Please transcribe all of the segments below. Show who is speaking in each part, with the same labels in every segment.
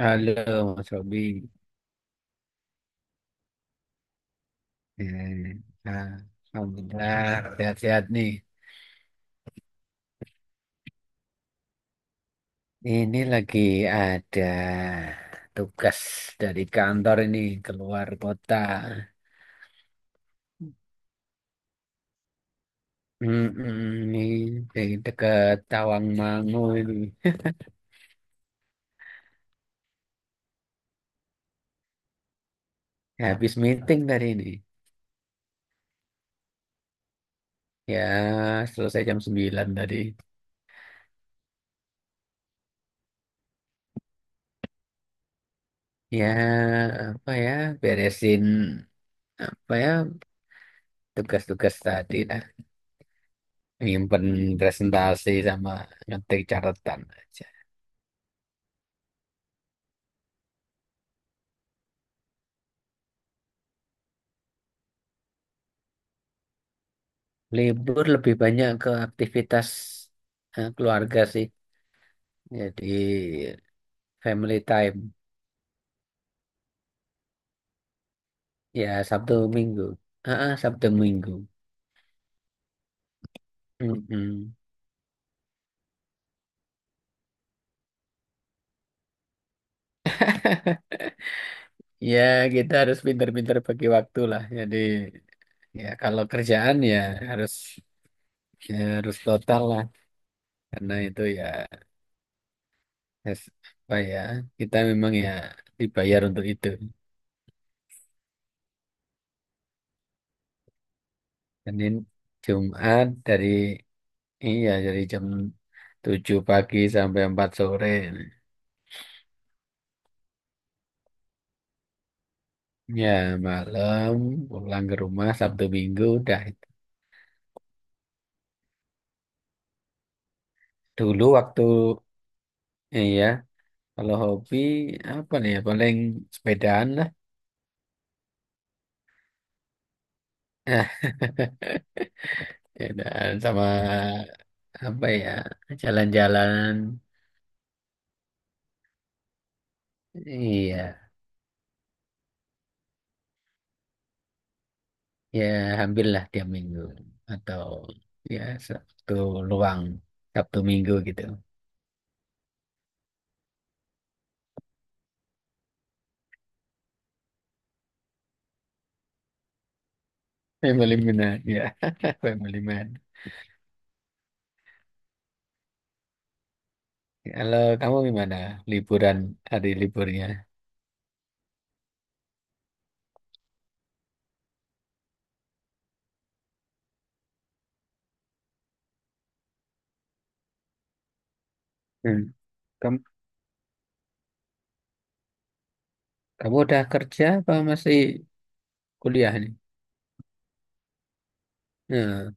Speaker 1: Halo Mas Robi, eh, nah, Alhamdulillah, sehat-sehat nih. Ini lagi ada tugas dari kantor, ini keluar kota. Mm-mm, ini dari dekat Tawangmangu ini. Habis meeting tadi ini. Ya, selesai jam 9 tadi. Ya, apa ya, beresin apa ya, tugas-tugas tadi lah. Nyimpen presentasi sama ngetik catatan. Libur lebih banyak ke aktivitas keluarga sih. Jadi family time. Ya, Sabtu Minggu. Ah, ah, Sabtu Minggu. Mm-mm. Ya, kita harus pintar-pintar bagi waktu lah. Jadi, ya kalau kerjaan harus ya harus total lah. Karena itu ya es- apa ya, kita memang ya dibayar untuk itu. Senin Jumat, iya dari jam 7 pagi sampai 4 sore. Ya, malam pulang ke rumah Sabtu Minggu udah itu. Dulu waktu iya, kalau hobi apa nih ya paling sepedaan lah. Nah, sepedaan sama apa ya? Jalan-jalan. Iya, ya hampir lah tiap minggu, atau ya Sabtu luang Sabtu Minggu gitu. Family man, ya. Family man. Kalau kamu gimana liburan hari liburnya? Hmm. Kamu udah kerja apa masih kuliah nih? Hmm,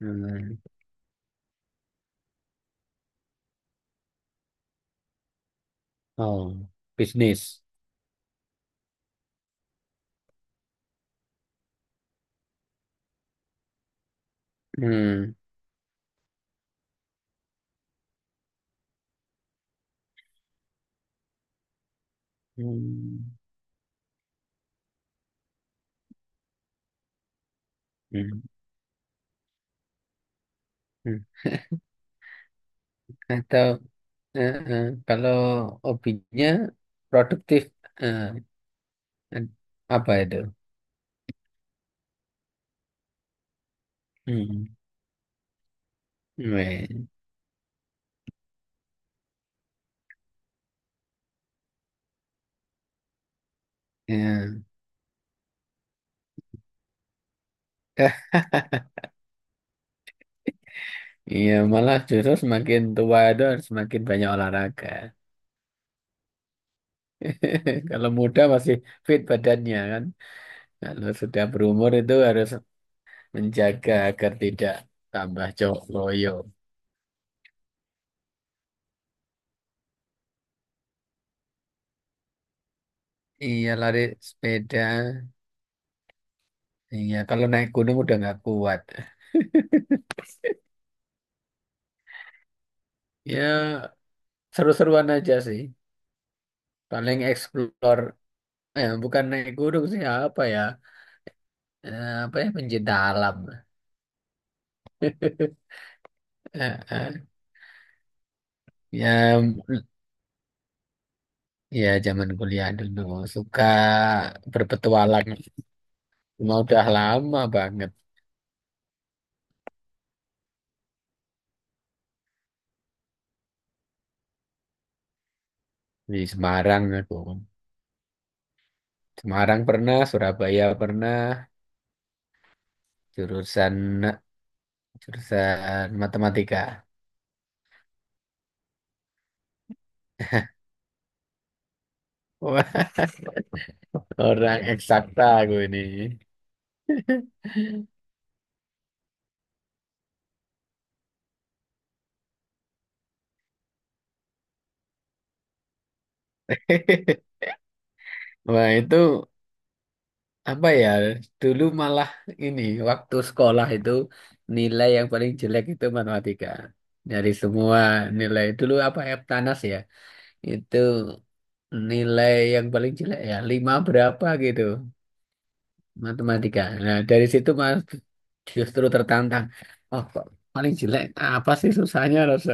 Speaker 1: hmm. Oh, bisnis. Hmm. Hmm. Hmm. Hmm. Atau eh, eh, kalau hobinya produktif, eh, eh, apa itu? Hmm. Weh, ya. Iya, malah justru semakin tua itu harus semakin banyak olahraga. Kalau muda masih fit badannya kan. Kalau sudah berumur itu harus menjaga agar tidak tambah cowok loyo. Iya, lari sepeda. Iya, kalau naik gunung udah nggak kuat. Ya, seru-seruan aja sih. Paling explore. Bukan naik gunung sih, apa ya? Apa ya, pencinta alam. Eh, eh. Ya, ya zaman kuliah dulu suka berpetualang. Cuma udah lama banget di Semarang aku. Semarang pernah, Surabaya pernah, jurusan Jurusan matematika. Wah, orang eksakta gue ini. Wah, itu apa ya? Dulu malah ini waktu sekolah itu nilai yang paling jelek itu matematika. Dari semua nilai dulu apa Eptanas ya? Itu nilai yang paling jelek ya lima berapa gitu, matematika. Nah, dari situ Mas justru tertantang. Oh, kok paling jelek, apa sih susahnya rasa,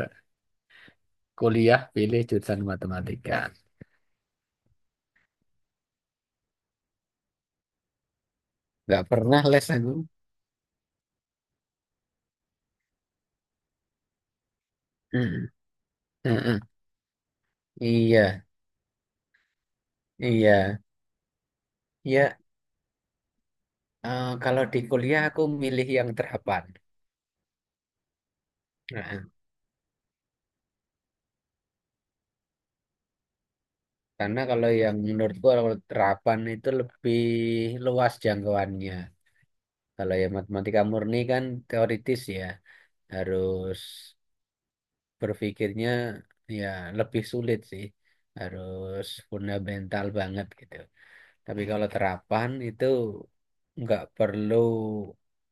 Speaker 1: kuliah pilih jurusan matematika. Nggak pernah les aku. Hmm, hmm, hmm. Iya, iya. Ya, kalau di kuliah aku milih yang terapan. Nah, karena kalau yang menurutku kalau terapan itu lebih luas jangkauannya. Kalau yang matematika murni kan teoritis ya, harus berpikirnya ya lebih sulit sih. Harus fundamental banget gitu. Tapi kalau terapan itu nggak perlu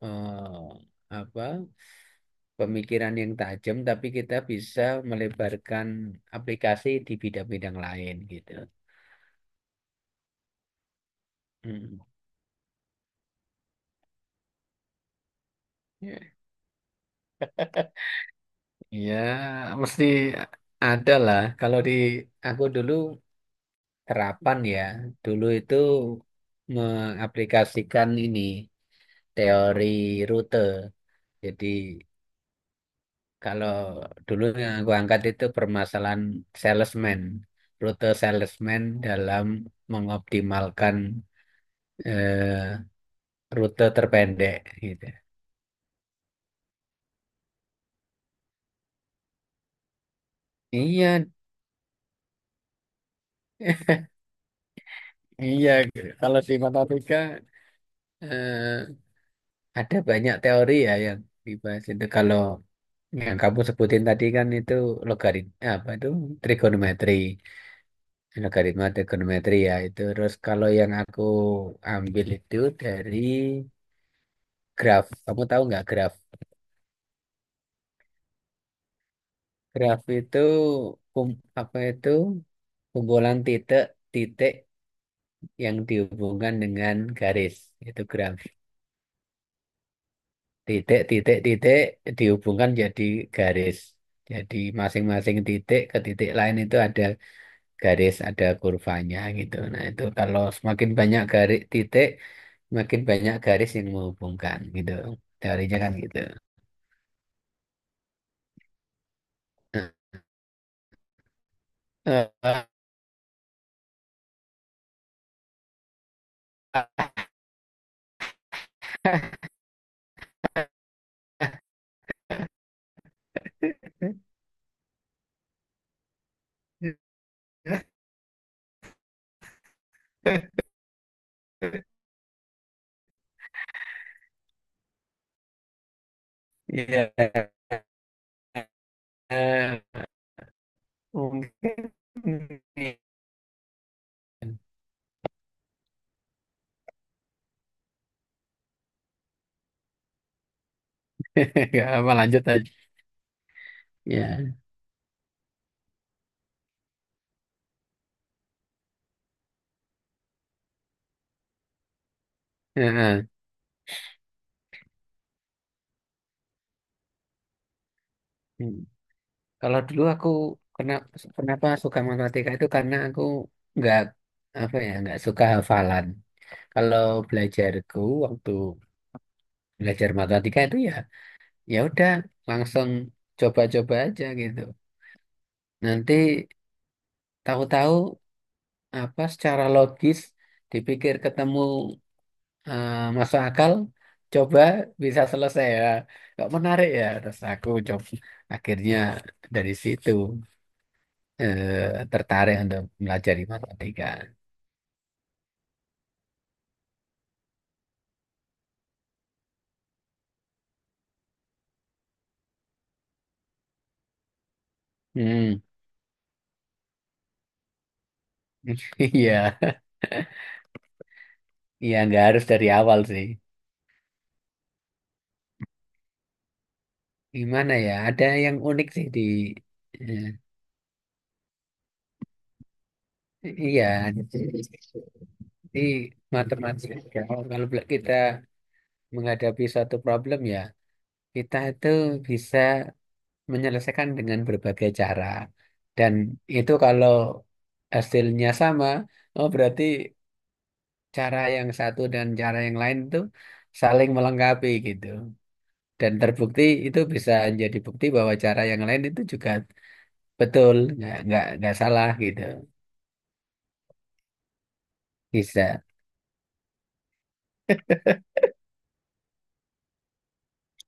Speaker 1: apa, pemikiran yang tajam, tapi kita bisa melebarkan aplikasi di bidang-bidang lain gitu. Hmm. Ya, mesti ada lah. Kalau di aku dulu terapan ya, dulu itu mengaplikasikan ini teori rute. Jadi kalau dulu yang aku angkat itu permasalahan salesman, rute salesman dalam mengoptimalkan eh, rute terpendek gitu. Iya, iya. Kalau di matematika eh, ada banyak teori ya yang dibahas itu. Kalau yang kamu sebutin tadi kan itu logaritma, apa itu, trigonometri, logaritma trigonometri ya itu. Terus kalau yang aku ambil itu dari graf. Kamu tahu nggak graf? Graf itu apa itu, kumpulan titik-titik yang dihubungkan dengan garis. Itu graf. Titik-titik-titik dihubungkan jadi garis. Jadi masing-masing titik ke titik lain itu ada garis, ada kurvanya gitu. Nah, itu kalau semakin banyak garis titik, makin banyak garis yang menghubungkan gitu. Teorinya kan gitu. Nah, eh, iya. Mungkin nggak apa, lanjut aja. Ya. Heeh. Hmm. Kalau dulu aku, kenapa kenapa suka matematika itu karena aku nggak apa ya nggak suka hafalan. Kalau belajarku waktu belajar matematika itu ya, ya udah langsung coba-coba aja gitu. Nanti tahu-tahu apa, secara logis dipikir ketemu masuk akal, coba bisa selesai ya, nggak menarik ya, terus aku coba, akhirnya dari situ tertarik untuk melajari matematika. Hmm. Iya, iya, nggak harus dari awal sih. Gimana ya, ada yang unik sih di, eh, iya, di matematika. Kalau kalau kita menghadapi suatu problem ya, kita itu bisa menyelesaikan dengan berbagai cara. Dan itu kalau hasilnya sama, oh berarti cara yang satu dan cara yang lain itu saling melengkapi gitu. Dan terbukti itu bisa jadi bukti bahwa cara yang lain itu juga betul, nggak salah gitu. Bisa.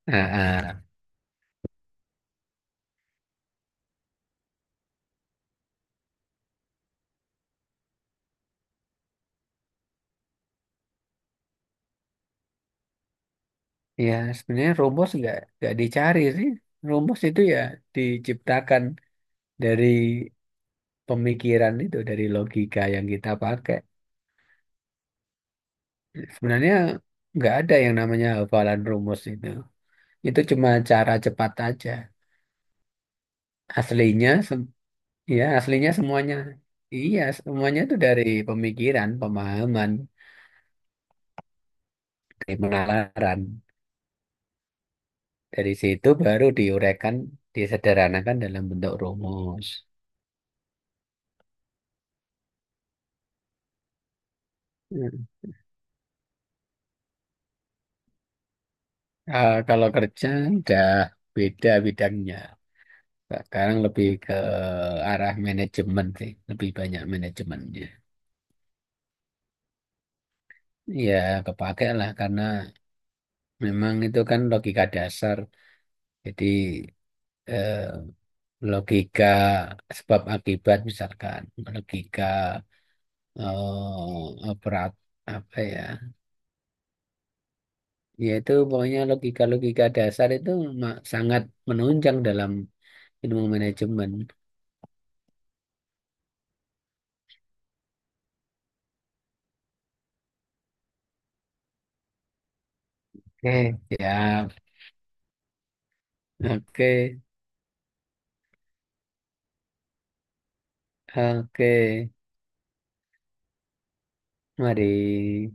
Speaker 1: Ah, ah. Ya, sebenarnya rumus nggak dicari sih. Rumus itu ya diciptakan dari pemikiran itu, dari logika yang kita pakai. Sebenarnya nggak ada yang namanya hafalan rumus itu. Itu cuma cara cepat aja. Aslinya, ya aslinya semuanya. Iya, semuanya itu dari pemikiran, pemahaman, dari penalaran. Dari situ baru diuraikan, disederhanakan dalam bentuk rumus. Hmm. Kalau kerja udah beda bidangnya. Sekarang lebih ke arah manajemen sih, lebih banyak manajemennya. Ya, kepake lah karena memang itu kan logika dasar. Jadi eh, logika sebab akibat misalkan, logika operat apa ya? Yaitu pokoknya logika-logika dasar itu sangat menunjang dalam ilmu manajemen. Oke. Ya, oke, oke. Mari.